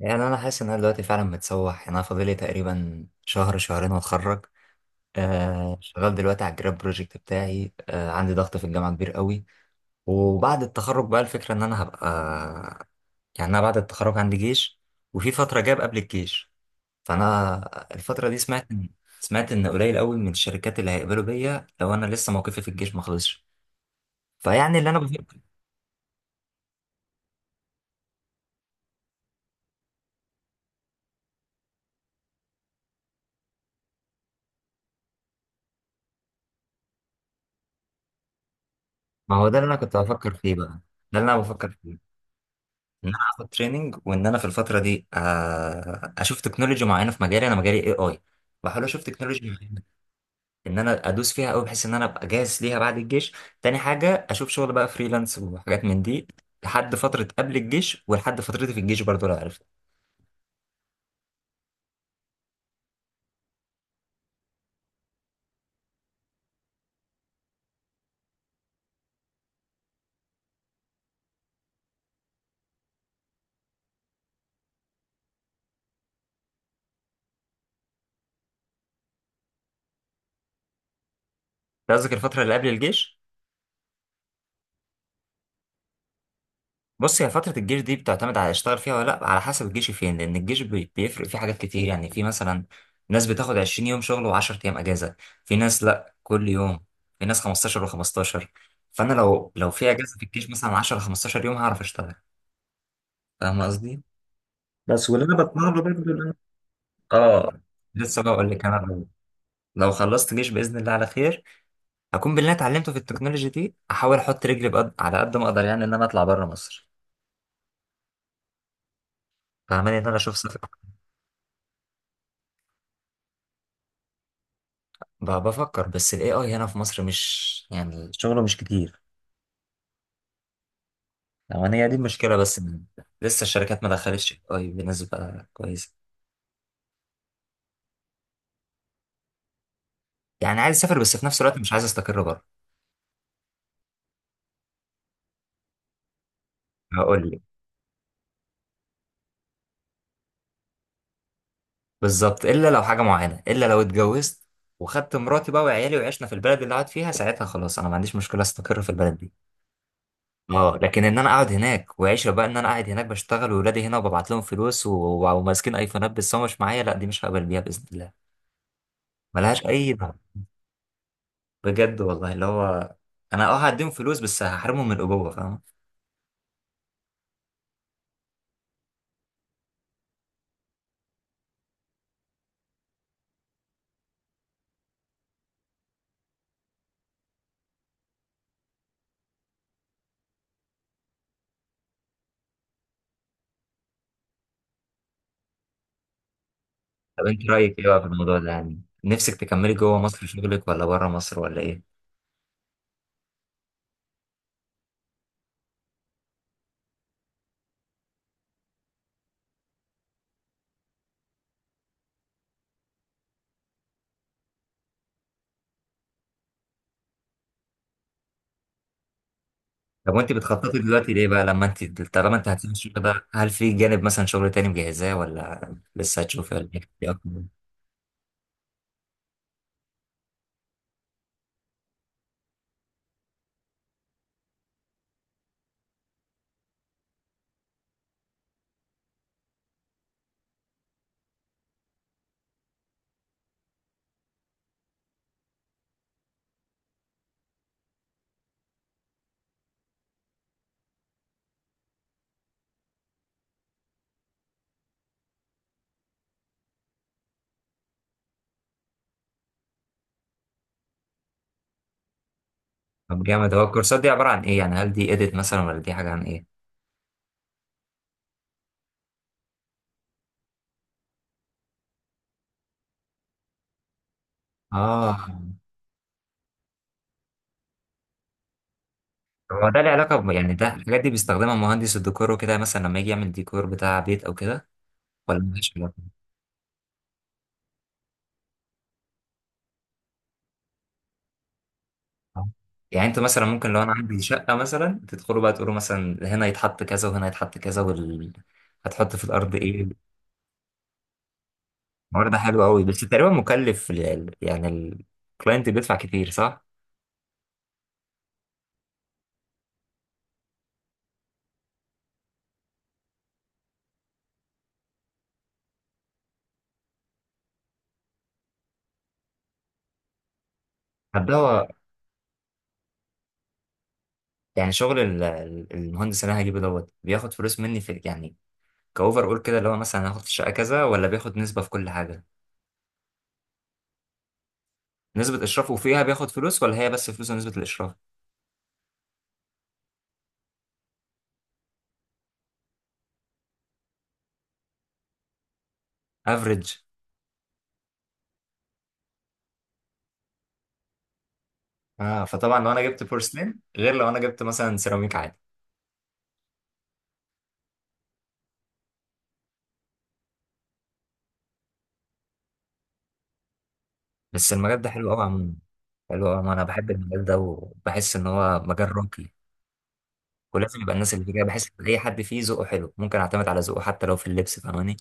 يعني انا حاسس ان انا دلوقتي فعلا متسوح. يعني انا فاضلي تقريبا شهر شهرين واتخرج. شغال دلوقتي على الجراب بروجكت بتاعي. عندي ضغط في الجامعه كبير قوي. وبعد التخرج بقى الفكره ان انا هبقى، يعني انا بعد التخرج عندي جيش، وفي فتره جاب قبل الجيش. فانا الفتره دي سمعت ان قليل قوي من الشركات اللي هيقبلوا بيا لو انا لسه موقفي في الجيش ما خلصش. فيعني اللي انا بفكر، ما هو ده اللي انا كنت بفكر فيه بقى، ده اللي انا بفكر فيه، ان انا اخد تريننج، وان انا في الفتره دي اشوف تكنولوجي معينه في مجالي. انا مجالي اي. بحاول اشوف تكنولوجي معينه ان انا ادوس فيها قوي بحيث ان انا ابقى جاهز ليها بعد الجيش. تاني حاجه اشوف شغل بقى فريلانس وحاجات من دي لحد فتره قبل الجيش، ولحد فترتي في الجيش برضو لو عرفت. أنت قصدك الفتره اللي قبل الجيش؟ بص، هي فترة الجيش دي بتعتمد على اشتغل فيها ولا لأ، على حسب الجيش فين، لأن الجيش بيفرق فيه حاجات كتير. يعني في مثلا ناس بتاخد 20 يوم شغل و10 أيام أجازة، في ناس لأ كل يوم، في ناس 15 و15. فأنا لو في أجازة في الجيش مثلا 10 15 يوم هعرف أشتغل. فاهم قصدي؟ بس واللي أنا بطمع له آه، لسه بقول لك. أنا لو خلصت جيش بإذن الله على خير، هكون باللي أنا اتعلمته في التكنولوجي دي أحاول أحط رجلي على قد ما أقدر، يعني إن أنا أطلع بره مصر. فاهماني إن أنا أشوف سفر. بفكر، بس ال AI هنا في مصر مش يعني شغله مش كتير لو أنا. هي دي المشكلة بس، إن لسه الشركات ما دخلتش ال AI بنسبة كويسة. يعني عايز أسافر بس في نفس الوقت مش عايز أستقر بره. هقول لك، بالظبط، إلا لو حاجة معينة، إلا لو اتجوزت وخدت مراتي بقى وعيالي وعشنا في البلد اللي قاعد فيها، ساعتها خلاص أنا ما عنديش مشكلة أستقر في البلد دي. اه، لكن ان انا اقعد هناك وعيشه بقى ان انا قاعد هناك بشتغل واولادي هنا وببعت لهم فلوس، وماسكين ايفونات بس هو مش معايا، لا دي مش هقبل بيها باذن الله. ملهاش اي. بجد والله، اللي هو انا اه هديهم فلوس بس هحرمهم من الابوه، فاهم؟ طب انت رايك ايه بقى في الموضوع ده؟ يعني نفسك تكملي جوه مصر شغلك ولا بره مصر ولا ايه؟ طب وانت بتخططي دلوقتي ليه بقى، لما انت، طالما انت هتسيبي الشغل ده، هل في جانب مثلا شغل تاني مجهزاه ولا لسه هتشوفي ولا ايه، إيه اكتر؟ طب جامد. هو الكورسات دي عباره عن ايه يعني؟ هل دي اديت مثلا ولا دي حاجه عن ايه؟ اه، هو ده له علاقه يعني ده الحاجات دي بيستخدمها مهندس الديكور وكده، مثلا لما يجي يعمل ديكور بتاع بيت او كده، ولا ملهاش؟ آه. يعني انت مثلا ممكن لو انا عندي شقه مثلا تدخلوا بقى تقولوا مثلا هنا يتحط كذا وهنا يتحط كذا هتحط في الارض ايه؟ الموضوع ده حلو قوي، بس تقريبا مكلف، يعني الكلاينت بيدفع كتير، صح؟ طب ده هو، يعني شغل المهندس اللي انا هجيبه دوت بياخد فلوس مني في يعني كاوفر اول كده، اللي هو مثلا هاخد في الشقه كذا، ولا بياخد نسبه في كل حاجه؟ نسبه اشرافه فيها بياخد فلوس، ولا هي بس فلوس ونسبه الاشراف؟ افريج. اه، فطبعا لو انا جبت بورسلين غير لو انا جبت مثلا سيراميك عادي. بس المجال ده حلو قوي عموما. حلو قوي عموما، انا بحب المجال ده وبحس ان هو مجال راقي. ولازم يبقى الناس اللي فيه كده، بحس ان اي حد فيه ذوقه حلو ممكن اعتمد على ذوقه حتى لو في اللبس، فاهماني؟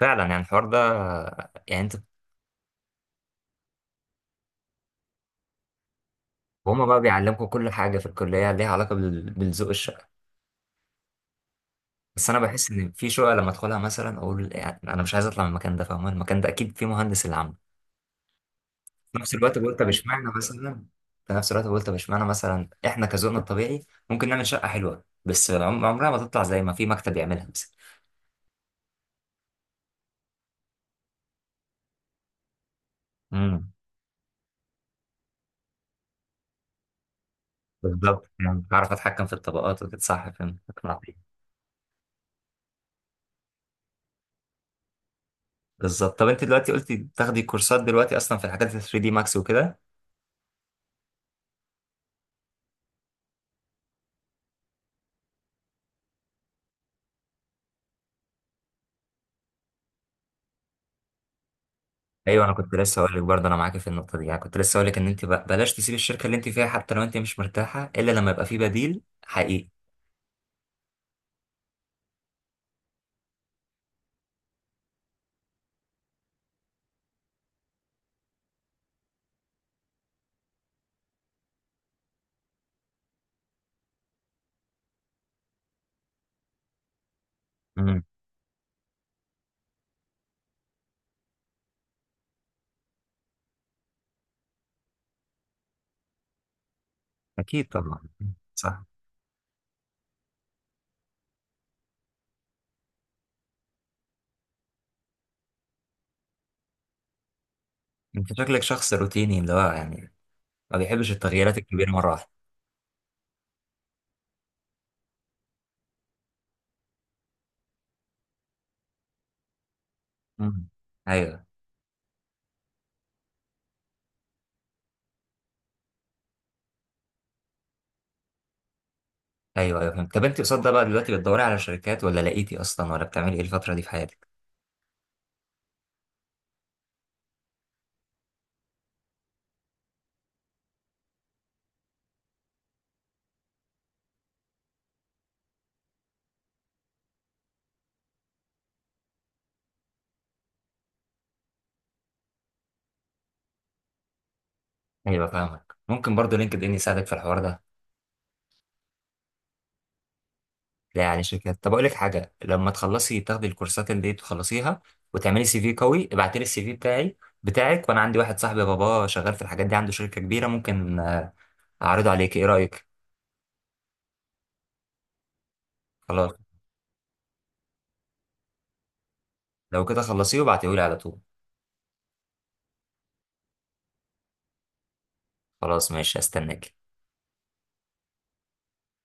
فعلا، يعني الحوار ده، يعني انت، هما بقى بيعلمكم كل حاجه في الكليه ليها علاقه بالذوق الشقه؟ بس انا بحس ان في شقه لما ادخلها مثلا اقول يعني انا مش عايز اطلع من المكان ده، فاهمان المكان ده اكيد فيه مهندس اللي عامله. في نفس الوقت بقول طب اشمعنى مثلا في نفس الوقت بقول طب اشمعنى مثلا احنا كذوقنا الطبيعي ممكن نعمل شقه حلوه، بس عمرها ما تطلع زي ما في مكتب يعملها مثلا. امم. بالظبط، يعني بعرف اتحكم في الطبقات وكده، صح، فهمت، اقنعتني. بالظبط. طب انت دلوقتي قلتي بتاخدي كورسات دلوقتي اصلا في الحاجات ال 3 دي ماكس وكده؟ ايوه، انا كنت لسه هقول لك برضه انا معاكي في النقطه دي، يعني كنت لسه هقول لك ان انت بلاش تسيبي الشركه اللي انت فيها حتى لو انت مش مرتاحه، الا لما يبقى في بديل حقيقي. امم. اكيد طبعا. صح. انت شكلك شخص روتيني، اللي هو يعني ما بيحبش التغييرات الكبيره مره واحده. مم. ايوه ايوه ايوه فهمت. طب انت قصاد ده بقى دلوقتي بتدوري على شركات ولا لقيتي اصلا ولا بتعملي ايه الفتره دي في حياتك؟ ايوه، فاهمك. ممكن برضه لينكد ان يساعدك في الحوار ده. لا، يعني شركات، طب اقول لك حاجه. لما تخلصي تاخدي الكورسات اللي دي تخلصيها، وتعملي سي في قوي، ابعتي لي السي في بتاعك، وانا عندي واحد صاحبي باباه شغال في الحاجات دي عنده شركه كبيره، ممكن اعرضه عليك، ايه رايك؟ خلاص. لو كده خلصيه وابعتيه لي على طول. خلاص ماشي، استناك.